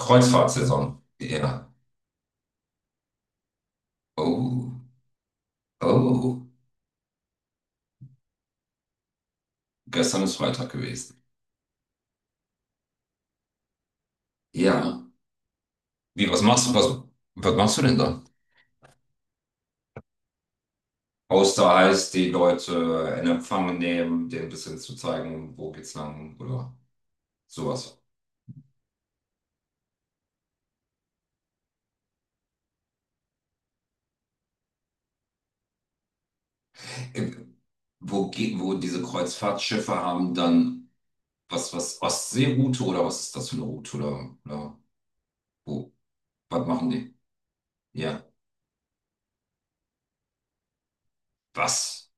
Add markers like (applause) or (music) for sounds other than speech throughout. Kreuzfahrtsaison. Ja. Oh. Oh. Gestern ist Freitag gewesen. Ja. Wie, was machst du? Was machst du denn da? Außer heißt, die Leute in Empfang nehmen, denen ein bisschen zu zeigen, wo geht's lang oder sowas. Ähm, Wo, wo diese Kreuzfahrtschiffe haben dann was, was Ostseeroute oder was ist das für eine Route oder wo? Was machen die? Ja. Was?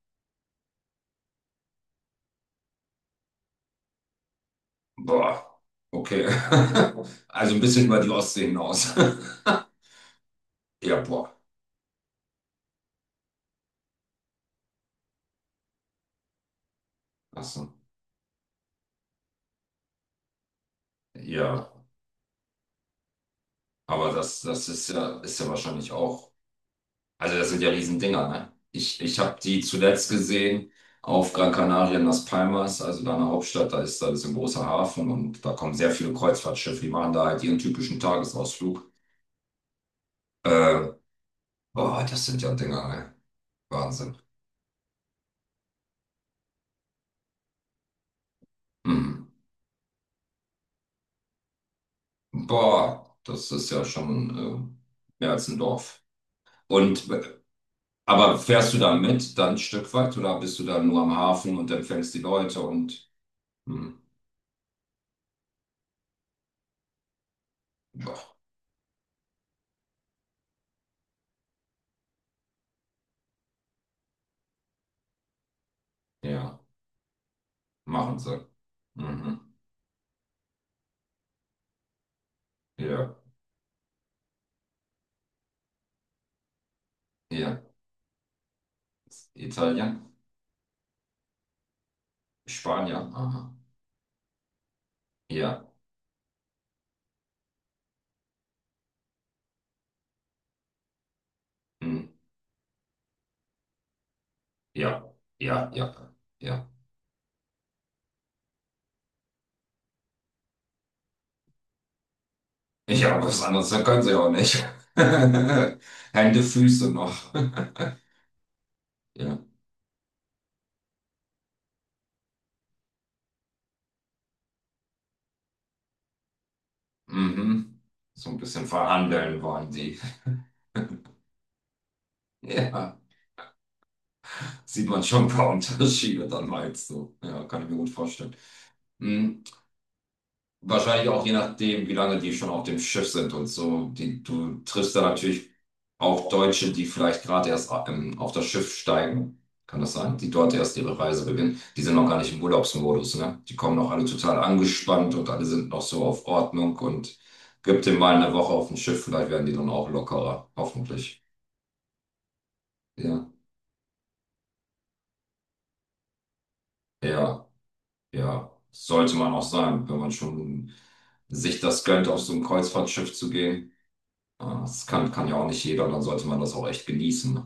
Boah. Okay. (laughs) Also ein bisschen über die Ostsee hinaus. (laughs) Ja, boah. Ach so. Ja, das ist ja wahrscheinlich auch. Also das sind ja Riesendinger, ne? Ich habe die zuletzt gesehen auf Gran Canaria in Las Palmas, also da in der Hauptstadt, da ist ein großer Hafen und da kommen sehr viele Kreuzfahrtschiffe, die machen da halt ihren typischen Tagesausflug. Äh, boah, das sind ja Dinger, ne? Wahnsinn. Mhm. Boah, das ist ja schon mehr als ein Dorf. Und aber fährst du da mit dann ein Stück weit oder bist du da nur am Hafen und empfängst die Leute und hm, boah, ja, machen sie. Mhm, ja, ja. Italien, Spanien, aha. Ja, hm, ja, ja, ja, ja. Ich habe was anderes, dann können sie auch nicht. (laughs) Hände, Füße noch. (laughs) Ja, mhm. So ein bisschen verhandeln wollen die. (laughs) Ja, sieht man schon ein paar Unterschiede dann meinst du. Ja, kann ich mir gut vorstellen. Hm. Wahrscheinlich auch je nachdem, wie lange die schon auf dem Schiff sind und so. Die, du triffst da natürlich auch Deutsche, die vielleicht gerade erst auf das Schiff steigen. Kann das sein? Die dort erst ihre Reise beginnen. Die sind noch gar nicht im Urlaubsmodus, ne? Die kommen noch alle total angespannt und alle sind noch so auf Ordnung und gib dem mal eine Woche auf dem Schiff, vielleicht werden die dann auch lockerer. Hoffentlich. Ja, ja, ja. Sollte man auch sein, wenn man schon sich das gönnt, auf so ein Kreuzfahrtschiff zu gehen. Ah, das kann, kann ja auch nicht jeder, dann sollte man das auch echt genießen.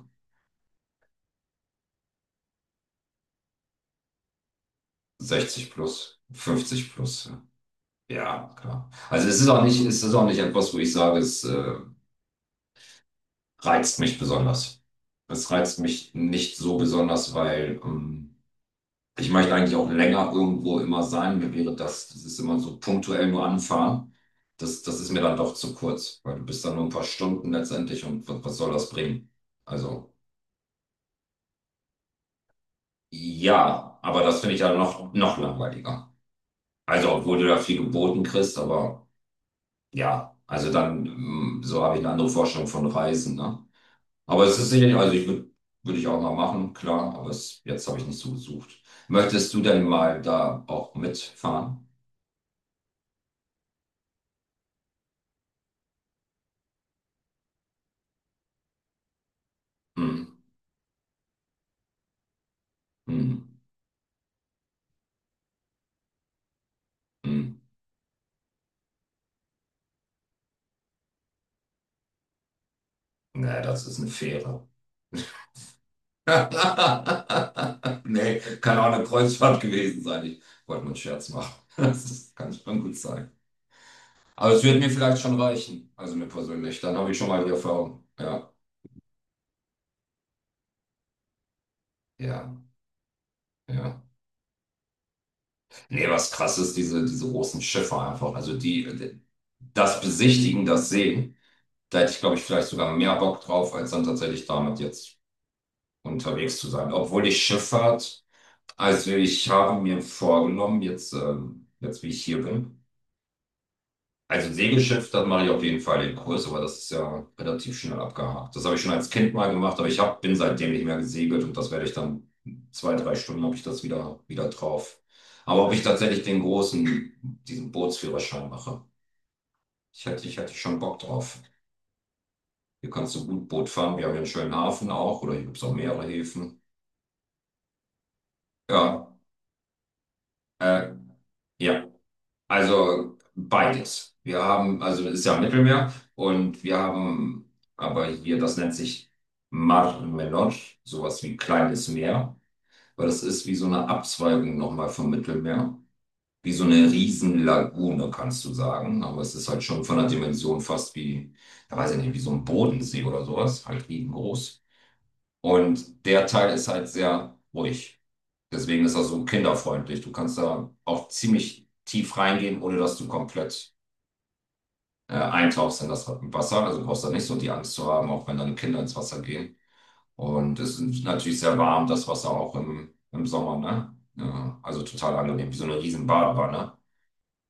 60 plus, 50 plus. Ja, ja, klar. Also es ist auch nicht etwas, wo ich sage, es reizt mich besonders. Es reizt mich nicht so besonders, weil ich möchte eigentlich auch länger irgendwo immer sein. Mir wäre das, das ist immer so punktuell nur anfahren. Das ist mir dann doch zu kurz, weil du bist dann nur ein paar Stunden letztendlich und was, was soll das bringen? Also ja, aber das finde ich dann noch langweiliger. Also, obwohl du da viel geboten kriegst, aber ja, also dann, so habe ich eine andere Vorstellung von Reisen, ne? Aber es ist sicherlich, würde ich auch mal machen, klar, aber es, jetzt habe ich nicht so gesucht. Möchtest du denn mal da auch mitfahren? Hm, hm, hm. Nee, das ist eine Fähre. (laughs) Nee, kann auch eine Kreuzfahrt gewesen sein. Ich wollte nur einen Scherz machen. (laughs) Das kann schon gut sein. Aber es wird mir vielleicht schon reichen, also mir persönlich. Dann habe ich schon mal die Erfahrung. Ja, ja. Ja. Nee, was krass ist, diese großen Schiffe einfach. Das Besichtigen, das Sehen, da hätte ich, glaube ich, vielleicht sogar mehr Bock drauf, als dann tatsächlich damit jetzt unterwegs zu sein. Obwohl ich Schifffahrt, also ich habe mir vorgenommen, jetzt wie ich hier bin, also Segelschiff, das mache ich auf jeden Fall den Kurs, aber das ist ja relativ schnell abgehakt. Das habe ich schon als Kind mal gemacht, aber bin seitdem nicht mehr gesegelt und das werde ich dann zwei, drei Stunden habe ich das wieder drauf. Aber ob ich tatsächlich den großen, diesen Bootsführerschein mache, ich hätte schon Bock drauf. Hier kannst du gut Boot fahren, wir haben ja einen schönen Hafen auch oder hier gibt es auch mehrere Häfen. Ja, äh, ja. Also beides. Also es ist ja am Mittelmeer und wir haben aber hier, das nennt sich Mar Menor, sowas wie kleines Meer, weil das ist wie so eine Abzweigung nochmal vom Mittelmeer. Wie so eine Riesenlagune, kannst du sagen. Aber es ist halt schon von der Dimension fast wie, da weiß ich nicht, wie so ein Bodensee oder sowas, halt riesengroß. Und der Teil ist halt sehr ruhig. Deswegen ist er so kinderfreundlich. Du kannst da auch ziemlich tief reingehen, ohne dass du komplett eintauchst in das Wasser. Also brauchst du nicht so die Angst zu haben, auch wenn deine Kinder ins Wasser gehen. Und es ist natürlich sehr warm, das Wasser auch im Sommer, ne? Ja, also total angenehm, wie so eine riesen Badewanne.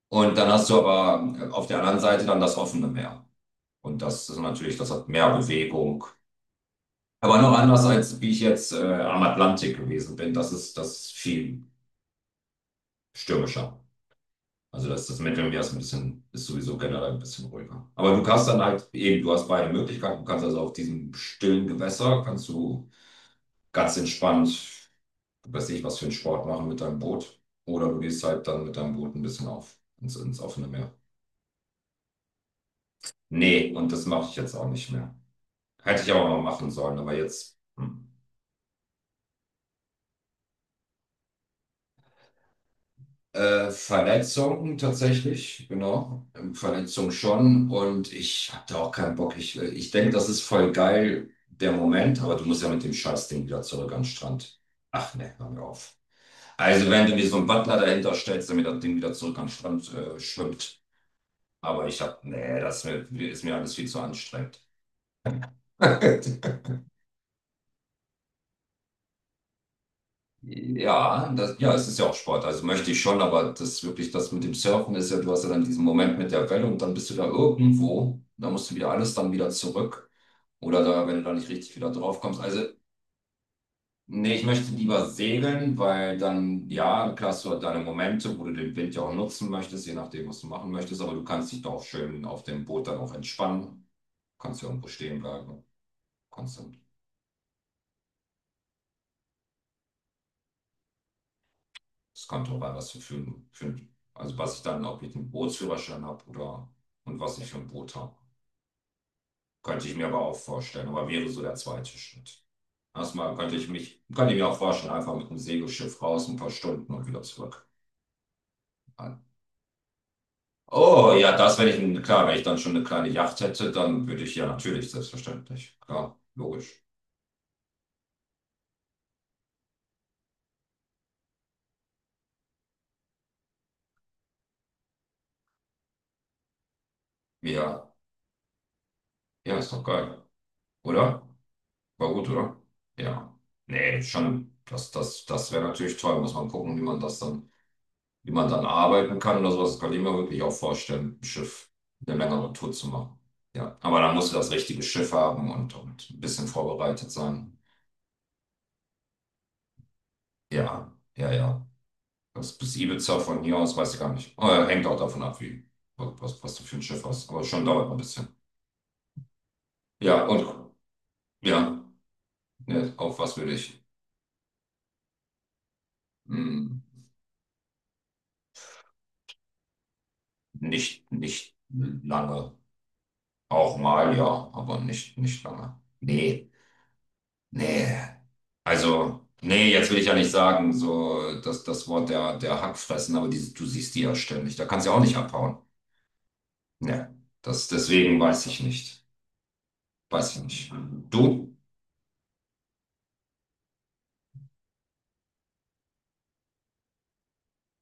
Und dann hast du aber auf der anderen Seite dann das offene Meer. Und das ist natürlich, das hat mehr Bewegung. Aber noch anders als wie ich jetzt am Atlantik gewesen bin. Das ist viel stürmischer. Also das, das Midrange ist ein bisschen, ist sowieso generell ein bisschen ruhiger. Aber du kannst dann halt, eben, du hast beide Möglichkeiten. Du kannst also auf diesem stillen Gewässer, kannst du ganz entspannt, weiß ich, was für einen Sport machen mit deinem Boot. Oder du gehst halt dann mit deinem Boot ein bisschen auf, ins, ins offene Meer. Nee, und das mache ich jetzt auch nicht mehr. Hätte ich aber mal machen sollen, aber jetzt. Hm. Verletzungen tatsächlich, genau. Verletzungen schon. Und ich hab da auch keinen Bock. Ich denke, das ist voll geil, der Moment, aber du musst ja mit dem Scheißding wieder zurück an den Strand. Ach ne, hör mir auf. Also wenn du mir so einen Butler dahinter stellst, damit das Ding wieder zurück an den Strand schwimmt. Aber ich hab, nee, ist mir alles viel zu anstrengend. (laughs) Ja, ja, es ist ja auch Sport, also möchte ich schon, aber das wirklich, das mit dem Surfen ist ja, du hast ja dann diesen Moment mit der Welle und dann bist du da irgendwo, da musst du wieder alles dann wieder zurück oder da, wenn du da nicht richtig wieder drauf kommst. Also, nee, ich möchte lieber segeln, weil dann, ja, klar hast du halt deine Momente, wo du den Wind ja auch nutzen möchtest, je nachdem, was du machen möchtest, aber du kannst dich da auch schön auf dem Boot dann auch entspannen, kannst ja irgendwo stehen bleiben, kannst dann es kommt drauf an, was du für, also was ich dann, ob ich einen Bootsführerschein habe oder und was ich für ein Boot habe. Könnte ich mir aber auch vorstellen, aber wäre so der zweite Schritt. Erstmal könnte ich mich, könnte ich mir auch vorstellen, einfach mit einem Segelschiff raus, ein paar Stunden und wieder zurück. An. Oh ja, das, wenn ich, ein- klar, wenn ich dann schon eine kleine Yacht hätte, dann würde ich ja natürlich, selbstverständlich. Klar, logisch. Ja, ja, ist doch geil, oder? War gut, oder? Ja. Nee, schon, das wäre natürlich toll, muss man gucken, wie man das dann. Wie man dann arbeiten kann oder sowas, das kann ich mir wirklich auch vorstellen, im Schiff eine längere Tour zu machen. Ja, aber dann musst du das richtige Schiff haben und ein bisschen vorbereitet sein. Ja, ja, ja. Das bis Ibiza von hier aus, weiß ich gar nicht. Hängt auch davon ab, wie, was du für ein Schiff hast. Aber schon dauert ein bisschen. Ja, und ja, ne, auf was will ich? Hm, nicht lange. Auch mal, ja, aber nicht lange. Nee. Nee, also, nee, jetzt will ich ja nicht sagen, so dass das Wort der Hackfressen, aber die, du siehst die ja ständig. Da kannst du ja auch nicht abhauen. Nee, das, deswegen weiß ich nicht. Weiß ich nicht. Du?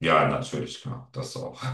Ja, natürlich, klar. Das auch.